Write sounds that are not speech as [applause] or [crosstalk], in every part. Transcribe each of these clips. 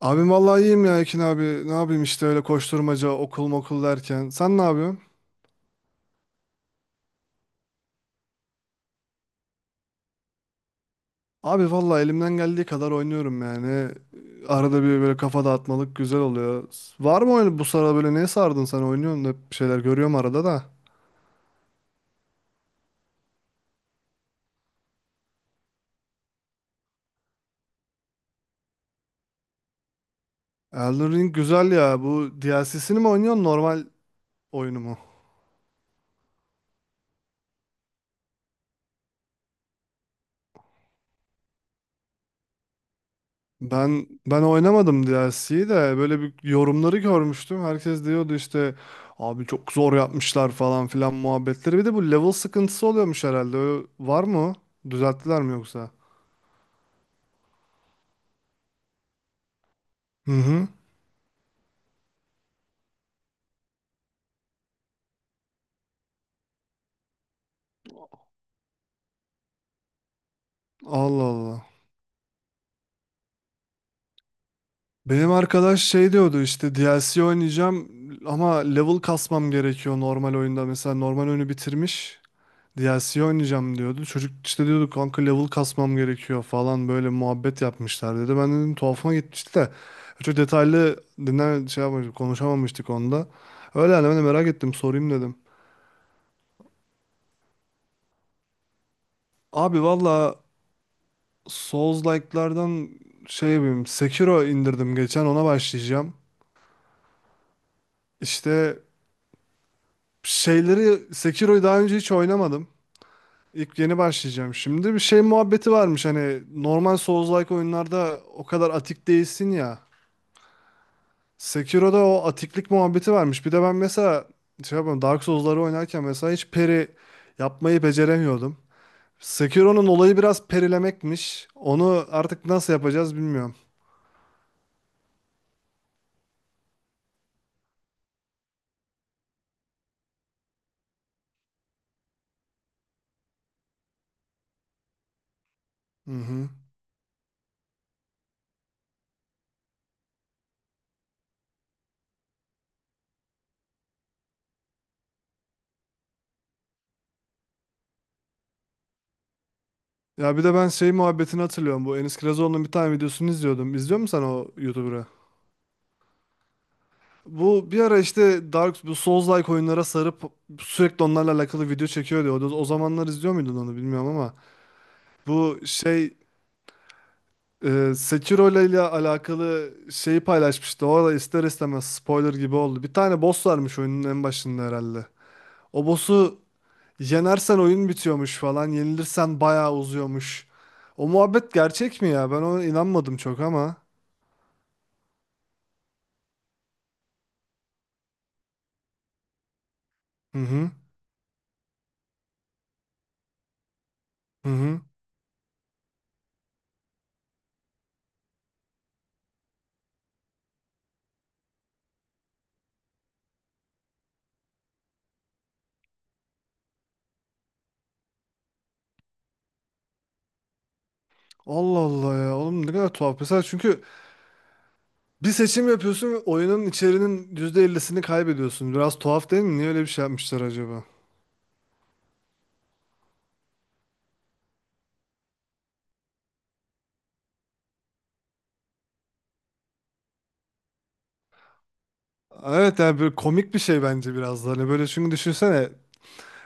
Abim vallahi iyiyim ya Ekin abi. Ne yapayım işte öyle koşturmaca okul mokul derken. Sen ne yapıyorsun? Abi vallahi elimden geldiği kadar oynuyorum yani. Arada bir böyle kafa dağıtmalık güzel oluyor. Var mı oyun bu sıra böyle neye sardın sen oynuyorsun da hep bir şeyler görüyorum arada da. Elden Ring güzel ya. Bu DLC'sini mi oynuyorsun normal oyunu mu? Ben oynamadım DLC'yi de böyle bir yorumları görmüştüm. Herkes diyordu işte abi çok zor yapmışlar falan filan muhabbetleri. Bir de bu level sıkıntısı oluyormuş herhalde. Var mı? O? Düzelttiler mi yoksa? Hı hı. Allah Allah. Benim arkadaş şey diyordu işte DLC oynayacağım ama level kasmam gerekiyor normal oyunda. Mesela normal oyunu bitirmiş. DLC oynayacağım diyordu. Çocuk işte diyordu kanka level kasmam gerekiyor falan böyle muhabbet yapmışlar dedi. Ben dedim tuhafıma gitmişti de çok detaylı dinler şey yapmamıştık, konuşamamıştık onda. Öyle yani ben de merak ettim sorayım dedim. Abi valla Souls-like'lardan şey yapayım Sekiro indirdim geçen ona başlayacağım. İşte şeyleri Sekiro'yu daha önce hiç oynamadım. İlk yeni başlayacağım şimdi. Bir şey muhabbeti varmış hani normal Souls-like oyunlarda o kadar atik değilsin ya. Sekiro'da o atiklik muhabbeti varmış. Bir de ben mesela şey yapıyorum, Dark Souls'ları oynarken mesela hiç peri yapmayı beceremiyordum. Sekiro'nun olayı biraz perilemekmiş. Onu artık nasıl yapacağız bilmiyorum. Hı hı. Ya bir de ben şey muhabbetini hatırlıyorum. Bu Enis Kirazoğlu'nun bir tane videosunu izliyordum. İzliyor musun sen o YouTuber'ı? Bu bir ara işte Dark bu Souls-like oyunlara sarıp sürekli onlarla alakalı video çekiyordu. O zamanlar izliyor muydun onu bilmiyorum ama bu şey. Sekiro ile alakalı şeyi paylaşmıştı. Orada ister istemez spoiler gibi oldu. Bir tane boss varmış oyunun en başında herhalde. O boss'u yenersen oyun bitiyormuş falan. Yenilirsen bayağı uzuyormuş. O muhabbet gerçek mi ya? Ben ona inanmadım çok ama. Hı hı. Hı hı. Allah Allah ya. Oğlum ne kadar tuhaf. Mesela çünkü bir seçim yapıyorsun ve oyunun içerinin %50'sini kaybediyorsun. Biraz tuhaf değil mi? Niye öyle bir şey yapmışlar acaba? Evet yani böyle komik bir şey bence biraz da. Hani böyle çünkü düşünsene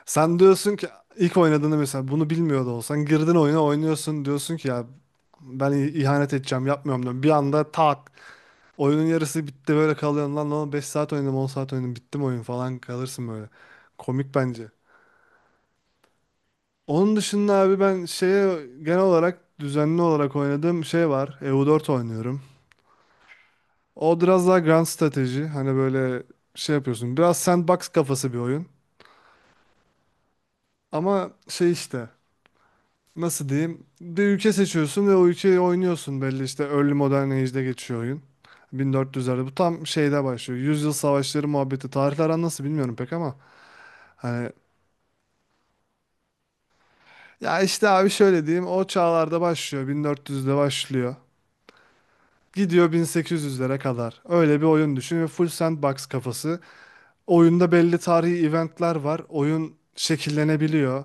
sen diyorsun ki ilk oynadığında mesela bunu bilmiyor da olsan girdin oyuna oynuyorsun diyorsun ki ya ben ihanet edeceğim yapmıyorum diyorum. Bir anda tak oyunun yarısı bitti böyle kalıyorsun lan lan 5 saat oynadım 10 saat oynadım bitti mi oyun falan kalırsın böyle. Komik bence. Onun dışında abi ben şeye genel olarak düzenli olarak oynadığım şey var. EU4 oynuyorum. O biraz daha grand strateji hani böyle şey yapıyorsun. Biraz sandbox kafası bir oyun. Ama şey işte, nasıl diyeyim? Bir ülke seçiyorsun ve o ülkeyi oynuyorsun belli işte Early Modern Age'de geçiyor oyun. 1400'lerde bu tam şeyde başlıyor. Yüzyıl savaşları muhabbeti. Tarihler an nasıl bilmiyorum pek ama hani ya işte abi şöyle diyeyim o çağlarda başlıyor. 1400'de başlıyor. Gidiyor 1800'lere kadar. Öyle bir oyun düşün ve full sandbox kafası. Oyunda belli tarihi eventler var. Oyun şekillenebiliyor.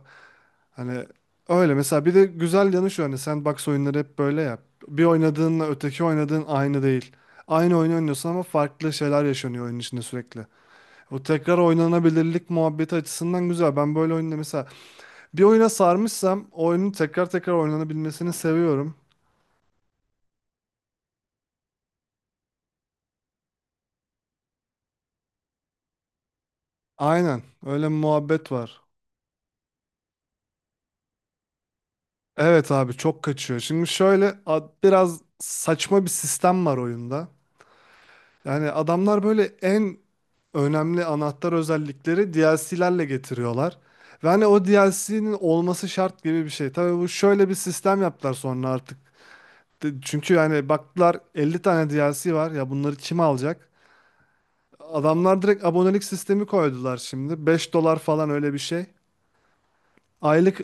Hani öyle mesela bir de güzel yanı şu hani sandbox oyunları hep böyle ya. Bir oynadığınla öteki oynadığın aynı değil. Aynı oyunu oynuyorsun ama farklı şeyler yaşanıyor oyunun içinde sürekli. O tekrar oynanabilirlik muhabbeti açısından güzel. Ben böyle oyunda mesela bir oyuna sarmışsam o oyunun tekrar tekrar oynanabilmesini seviyorum. Aynen öyle bir muhabbet var. Evet abi çok kaçıyor. Şimdi şöyle biraz saçma bir sistem var oyunda. Yani adamlar böyle en önemli anahtar özellikleri DLC'lerle getiriyorlar. Ve hani o DLC'nin olması şart gibi bir şey. Tabii bu şöyle bir sistem yaptılar sonra artık. Çünkü yani baktılar 50 tane DLC var ya bunları kim alacak? Adamlar direkt abonelik sistemi koydular şimdi. 5 dolar falan öyle bir şey. Aylık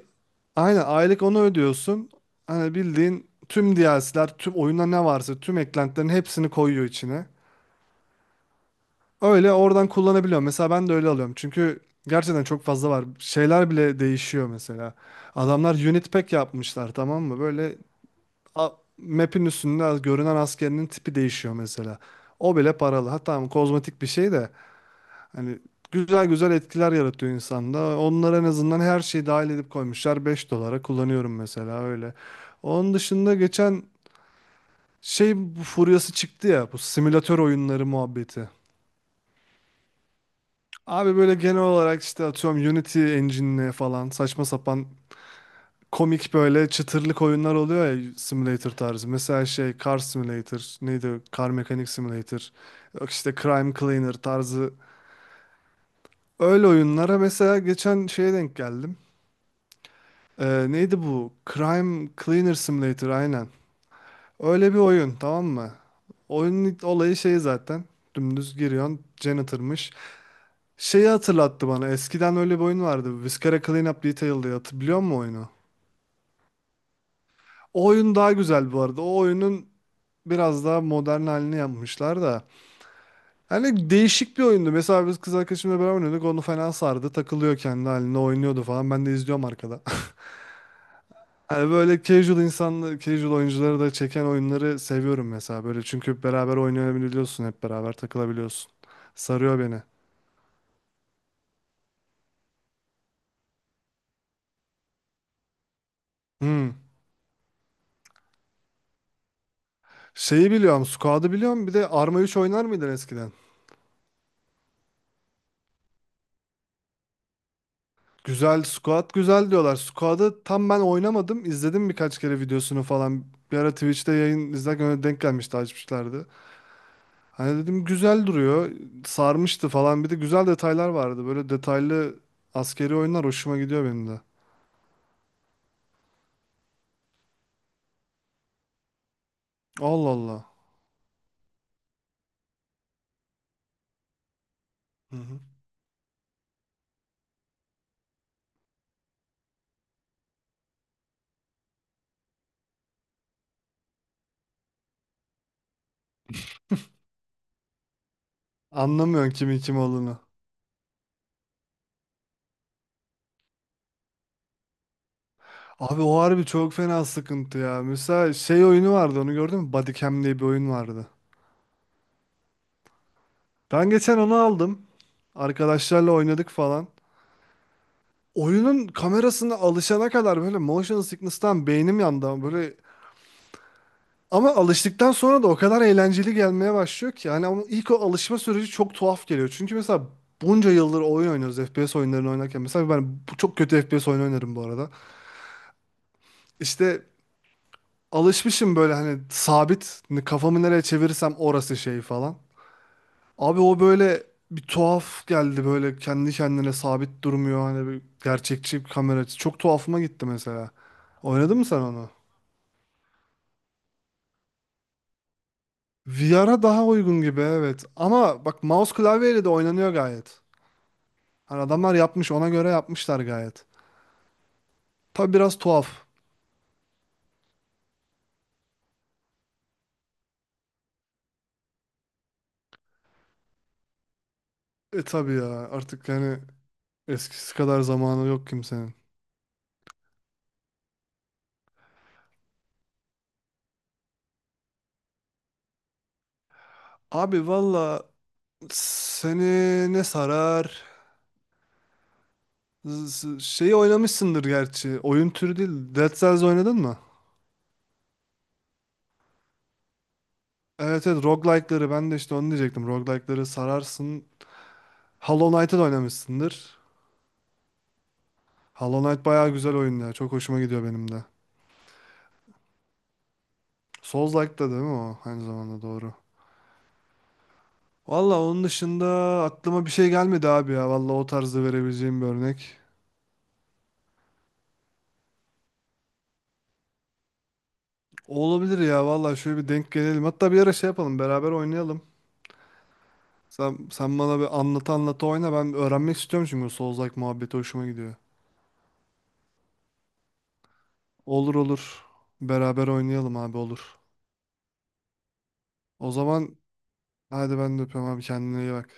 aynen aylık onu ödüyorsun. Hani bildiğin tüm DLC'ler, tüm oyunda ne varsa tüm eklentilerin hepsini koyuyor içine. Öyle oradan kullanabiliyorum. Mesela ben de öyle alıyorum. Çünkü gerçekten çok fazla var. Şeyler bile değişiyor mesela. Adamlar unit pack yapmışlar tamam mı? Böyle a- map'in üstünde görünen askerinin tipi değişiyor mesela. O bile paralı. Ha tamam kozmetik bir şey de hani güzel güzel etkiler yaratıyor insanda. Onlara en azından her şeyi dahil edip koymuşlar. 5 dolara kullanıyorum mesela öyle. Onun dışında geçen şey bu furyası çıktı ya bu simülatör oyunları muhabbeti. Abi böyle genel olarak işte atıyorum Unity Engine'le falan saçma sapan komik böyle çıtırlık oyunlar oluyor ya simulator tarzı. Mesela şey Car Simulator neydi o? Car Mechanic Simulator yok işte Crime Cleaner tarzı öyle oyunlara mesela geçen şeye denk geldim. Neydi bu? Crime Cleaner Simulator aynen. Öyle bir oyun tamam mı? Oyunun olayı şey zaten dümdüz giriyorsun janitor'mış. Şeyi hatırlattı bana. Eskiden öyle bir oyun vardı. Viscera Cleanup Detail diye. Hatırlıyor musun oyunu? O oyun daha güzel bu arada. O oyunun biraz daha modern halini yapmışlar da. Hani değişik bir oyundu. Mesela biz kız arkadaşımla beraber oynuyorduk. Onu fena sardı. Takılıyor kendi halinde oynuyordu falan. Ben de izliyorum arkada. [laughs] Hani böyle casual insanları, casual oyuncuları da çeken oyunları seviyorum mesela. Böyle çünkü beraber oynayabiliyorsun. Hep beraber takılabiliyorsun. Sarıyor beni. Hmm. Şeyi biliyorum. Squad'ı biliyorum. Bir de Arma 3 oynar mıydın eskiden? Güzel Squad güzel diyorlar. Squad'ı tam ben oynamadım. İzledim birkaç kere videosunu falan. Bir ara Twitch'te yayın izlerken öyle denk gelmişti açmışlardı. Hani dedim güzel duruyor. Sarmıştı falan. Bir de güzel detaylar vardı. Böyle detaylı askeri oyunlar hoşuma gidiyor benim de. Allah Allah. Hı hı. Anlamıyorsun kimin kim olduğunu. Abi o harbi çok fena sıkıntı ya. Mesela şey oyunu vardı onu gördün mü? Bodycam diye bir oyun vardı. Ben geçen onu aldım. Arkadaşlarla oynadık falan. Oyunun kamerasına alışana kadar böyle motion sickness'tan beynim yandı ama böyle ama alıştıktan sonra da o kadar eğlenceli gelmeye başlıyor ki yani ama ilk o alışma süreci çok tuhaf geliyor. Çünkü mesela bunca yıldır oyun oynuyoruz FPS oyunlarını oynarken mesela ben çok kötü FPS oyunu oynarım bu arada. İşte alışmışım böyle hani sabit hani kafamı nereye çevirirsem orası şey falan. Abi o böyle bir tuhaf geldi böyle kendi kendine sabit durmuyor hani bir gerçekçi bir kamera açısı. Çok tuhafıma gitti mesela. Oynadın mı sen onu? VR'a daha uygun gibi evet. Ama bak mouse klavyeyle de oynanıyor gayet. Hani adamlar yapmış ona göre yapmışlar gayet. Tabi biraz tuhaf. E tabi ya artık yani eskisi kadar zamanı yok kimsenin. Abi valla seni ne sarar? Şeyi oynamışsındır gerçi. Oyun türü değil. Dead Cells oynadın mı? Evet evet roguelike'ları ben de işte onu diyecektim. Roguelike'ları sararsın. Hollow Knight'ı da oynamışsındır. Hollow Knight bayağı güzel oyun ya. Çok hoşuma gidiyor benim de. Soulslike'da değil mi o? Aynı zamanda doğru. Valla onun dışında aklıma bir şey gelmedi abi ya. Valla o tarzda verebileceğim bir örnek. Olabilir ya valla şöyle bir denk gelelim. Hatta bir ara şey yapalım beraber oynayalım. Sen bana bir anlat anlat oyna. Ben öğrenmek istiyorum çünkü Souls-like muhabbeti hoşuma gidiyor. Olur olur. Beraber oynayalım abi olur. O zaman hadi ben de öpüyorum abi kendine iyi bak.